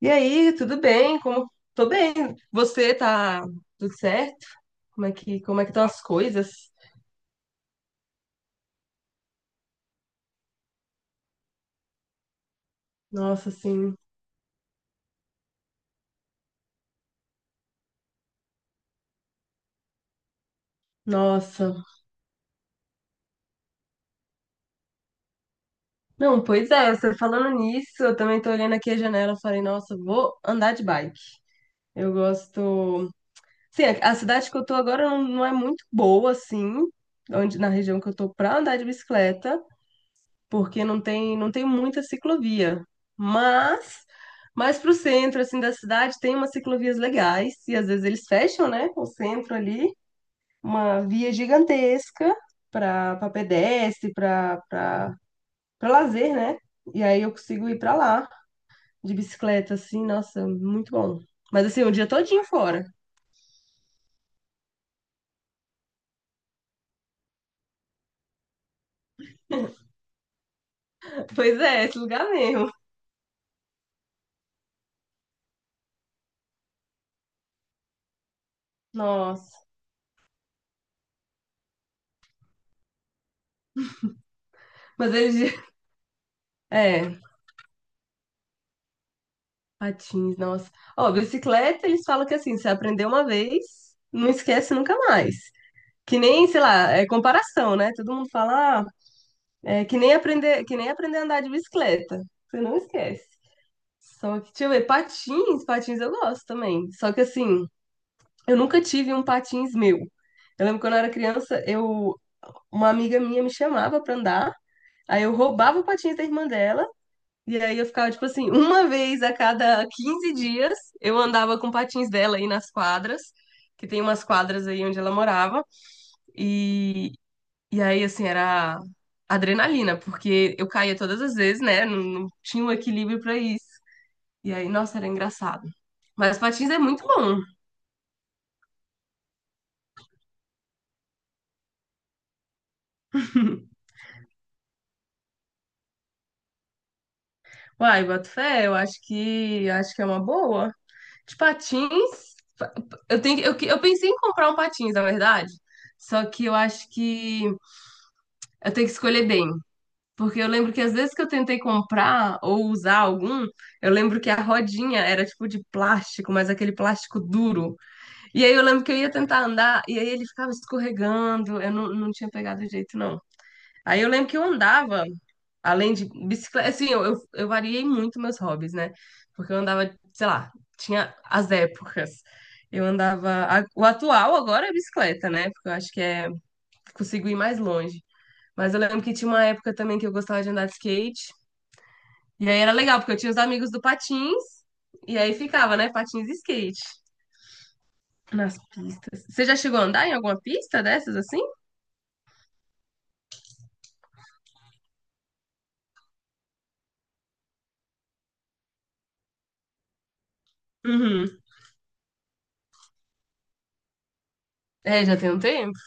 E aí, tudo bem? Como tô bem? Você tá tudo certo? Como é que estão as coisas? Nossa, assim, nossa. Não, pois é, você falando nisso, eu também tô olhando aqui a janela, eu falei, nossa, vou andar de bike. Eu gosto. Sim, a cidade que eu tô agora não é muito boa assim, onde na região que eu tô pra andar de bicicleta. Porque não tem muita ciclovia. Mas, mais para o centro assim da cidade tem umas ciclovias legais e às vezes eles fecham, né, o centro ali, uma via gigantesca para pedestre, para lazer, né? E aí eu consigo ir para lá de bicicleta assim, nossa, muito bom. Mas assim, o dia todinho fora. Pois é, esse lugar mesmo. Nossa. Mas eles, é, patins, nossa. Ó, bicicleta, eles falam que assim, você aprendeu uma vez, não esquece nunca mais. Que nem, sei lá, é comparação, né? Todo mundo fala, ah, é que nem aprender a andar de bicicleta. Você não esquece. Só que, deixa eu ver, patins eu gosto também. Só que assim, eu nunca tive um patins meu. Eu lembro quando eu era criança, uma amiga minha me chamava pra andar, aí eu roubava o patins da irmã dela e aí eu ficava, tipo assim, uma vez a cada 15 dias eu andava com patins dela aí nas quadras, que tem umas quadras aí onde ela morava. E, e aí, assim, era adrenalina, porque eu caía todas as vezes, né? Não, não tinha um equilíbrio pra isso. E aí, nossa, era engraçado. Mas patins é muito bom. Uai, boto fé, eu acho que é uma boa. De patins, pa- pa- eu tenho, eu, que- eu pensei em comprar um patins, na verdade. Só que eu acho que eu tenho que escolher bem. Porque eu lembro que às vezes que eu tentei comprar ou usar algum, eu lembro que a rodinha era tipo de plástico, mas aquele plástico duro. E aí eu lembro que eu ia tentar andar e aí ele ficava escorregando, eu não, não tinha pegado jeito, não. Aí eu lembro que eu andava, além de bicicleta, assim, eu variei muito meus hobbies, né? Porque eu andava, sei lá, tinha as épocas. Eu andava. O atual agora é bicicleta, né? Porque eu acho que consigo ir mais longe. Mas eu lembro que tinha uma época também que eu gostava de andar de skate. E aí era legal, porque eu tinha os amigos do patins, e aí ficava, né, patins e skate nas pistas. Você já chegou a andar em alguma pista dessas assim? Uhum. É, já tem um tempo.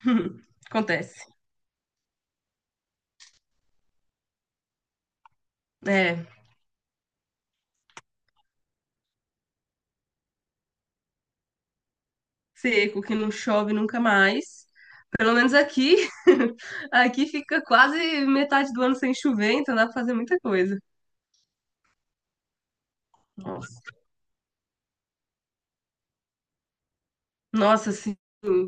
Acontece. É, seco, que não chove nunca mais. Pelo menos aqui, aqui fica quase metade do ano sem chover, então dá pra fazer muita coisa. Nossa. Nossa, sim,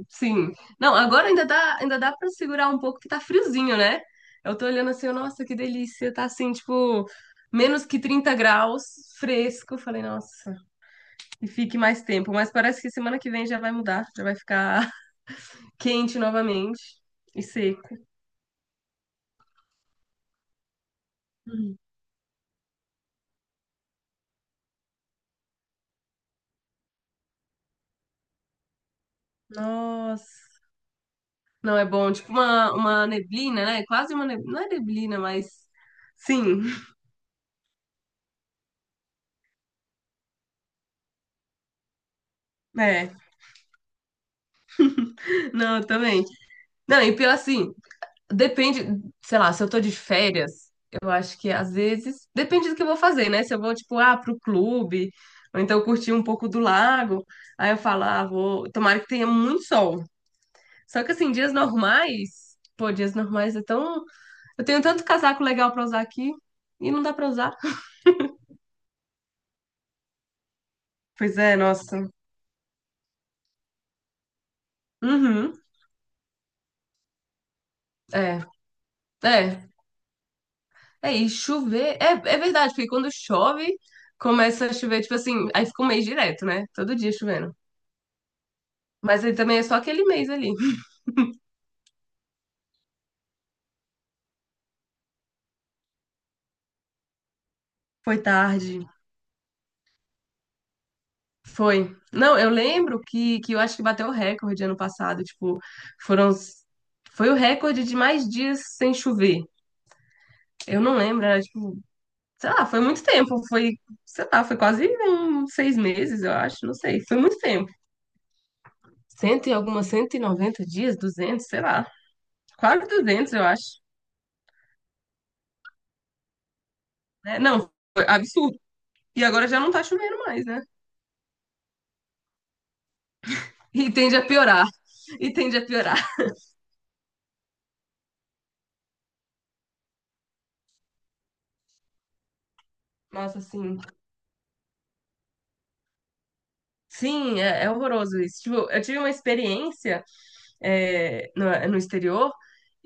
sim. Não, agora ainda dá, para segurar um pouco que tá friozinho, né? Eu tô olhando assim, nossa, que delícia, tá assim, tipo, menos que 30 graus, fresco. Eu falei, nossa, e fique mais tempo, mas parece que semana que vem já vai mudar, já vai ficar quente novamente e seco. Hum. Nossa. Não é bom, tipo uma neblina, né? Quase uma neblina, não é neblina, mas sim, é. Não, eu também. Não, e pior assim, depende, sei lá, se eu tô de férias, eu acho que às vezes. Depende do que eu vou fazer, né? Se eu vou, tipo, ah, pro clube, ou então curtir um pouco do lago, aí eu falo, ah, vou. Tomara que tenha muito sol. Só que, assim, dias normais. Pô, dias normais é tão. Eu tenho tanto casaco legal pra usar aqui e não dá pra usar. Pois é, nossa. Uhum. É, é. É, e chover. É, é verdade, porque quando chove, começa a chover, tipo assim, aí fica um mês direto, né? Todo dia chovendo. Mas aí também é só aquele mês ali. Foi tarde. Foi. Não, eu lembro que eu acho que bateu o recorde ano passado. Tipo, foram. Foi o recorde de mais dias sem chover. Eu não lembro, era tipo. Sei lá, foi muito tempo. Sei lá, foi quase uns 6 meses, eu acho. Não sei. Foi muito tempo. Cento e algumas noventa dias, 200, sei lá. Quase 200, eu acho. Né? Não, foi absurdo. E agora já não tá chovendo mais, né? E tende a piorar. E tende a piorar. Nossa, assim. Sim, é horroroso isso. Tipo, eu tive uma experiência no exterior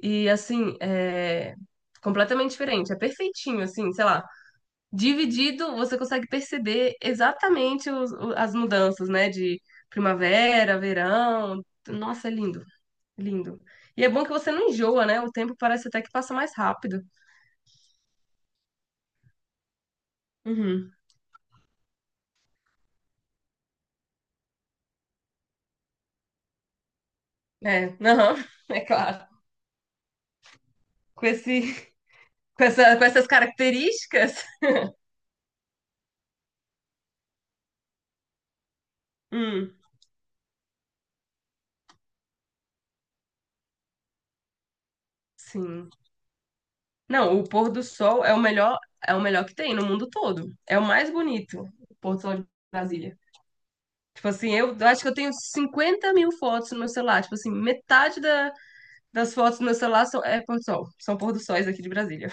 e, assim, é completamente diferente. É perfeitinho, assim, sei lá. Dividido, você consegue perceber exatamente as mudanças, né? De primavera, verão. Nossa, é lindo, lindo. E é bom que você não enjoa, né? O tempo parece até que passa mais rápido. Uhum. É, aham, é claro. Com esse, com essas características. Hum, sim. Não, o pôr do sol é o melhor que tem no mundo todo. É o mais bonito, o pôr do sol de Brasília. Tipo assim, eu acho que eu tenho 50 mil fotos no meu celular. Tipo assim, das fotos do meu celular são, é pôr do sol. São pôr do sóis aqui de Brasília.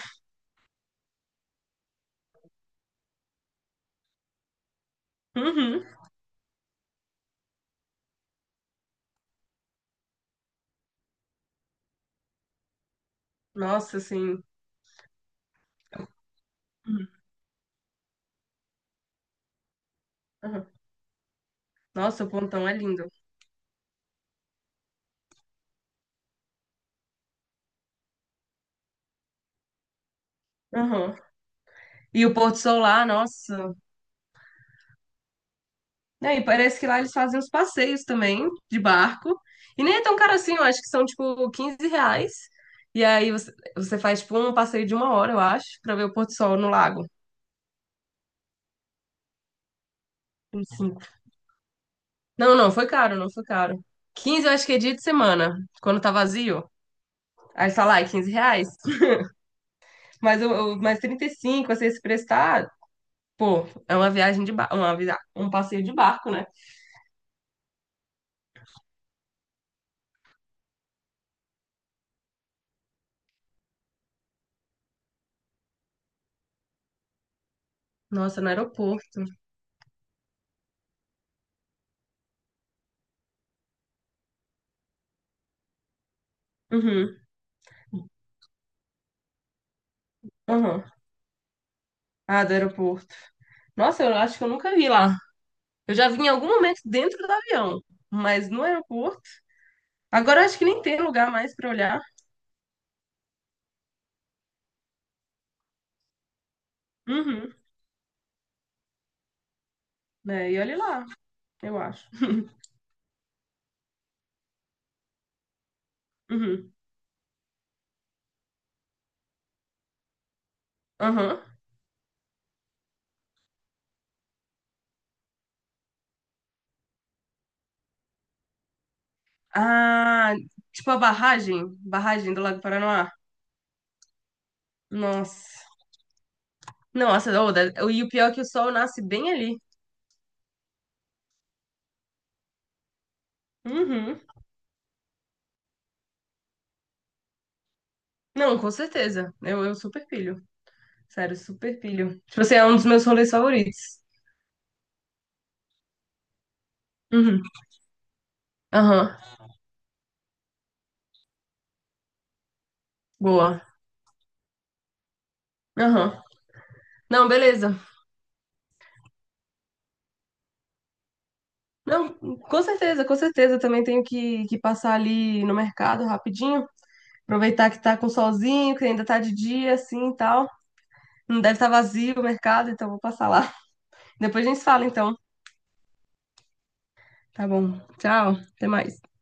Uhum. Nossa, assim. Uhum, uhum. Nossa, o pontão é lindo. Uhum. E o pôr do sol lá, nossa. É, e parece que lá eles fazem uns passeios também, de barco. E nem é tão caro assim, eu acho que são tipo R$ 15. E aí você faz tipo um passeio de 1 hora, eu acho, pra ver o pôr do sol no lago. 25. Não, não, foi caro, não foi caro. 15, eu acho que é dia de semana, quando tá vazio. Aí você fala, ai, R$ 15. Mas 35, assim, se prestar, pô, é uma viagem de barco, um passeio de barco, né? Nossa, no aeroporto. Uhum, uhum. Ah, do aeroporto. Nossa, eu acho que eu nunca vi lá. Eu já vi em algum momento dentro do avião, mas no aeroporto. Agora eu acho que nem tem lugar mais pra olhar. Uhum. Né? E olha lá, eu acho. Uhum. Aham. Ah, tipo a barragem, do Lago Paranoá. Nossa. Nossa, ô, e o pior é que o sol nasce bem ali. Uhum. Não, com certeza. Eu super pilho. Sério, super pilho. Tipo assim, é um dos meus rolês favoritos. Uhum. Aham. Boa. Aham. Não, beleza. Não, com certeza, com certeza. Também tenho que passar ali no mercado rapidinho. Aproveitar que tá com solzinho, que ainda tá de dia, assim e tal. Não deve estar vazio o mercado, então vou passar lá. Depois a gente se fala, então. Tá bom. Tchau. Até mais.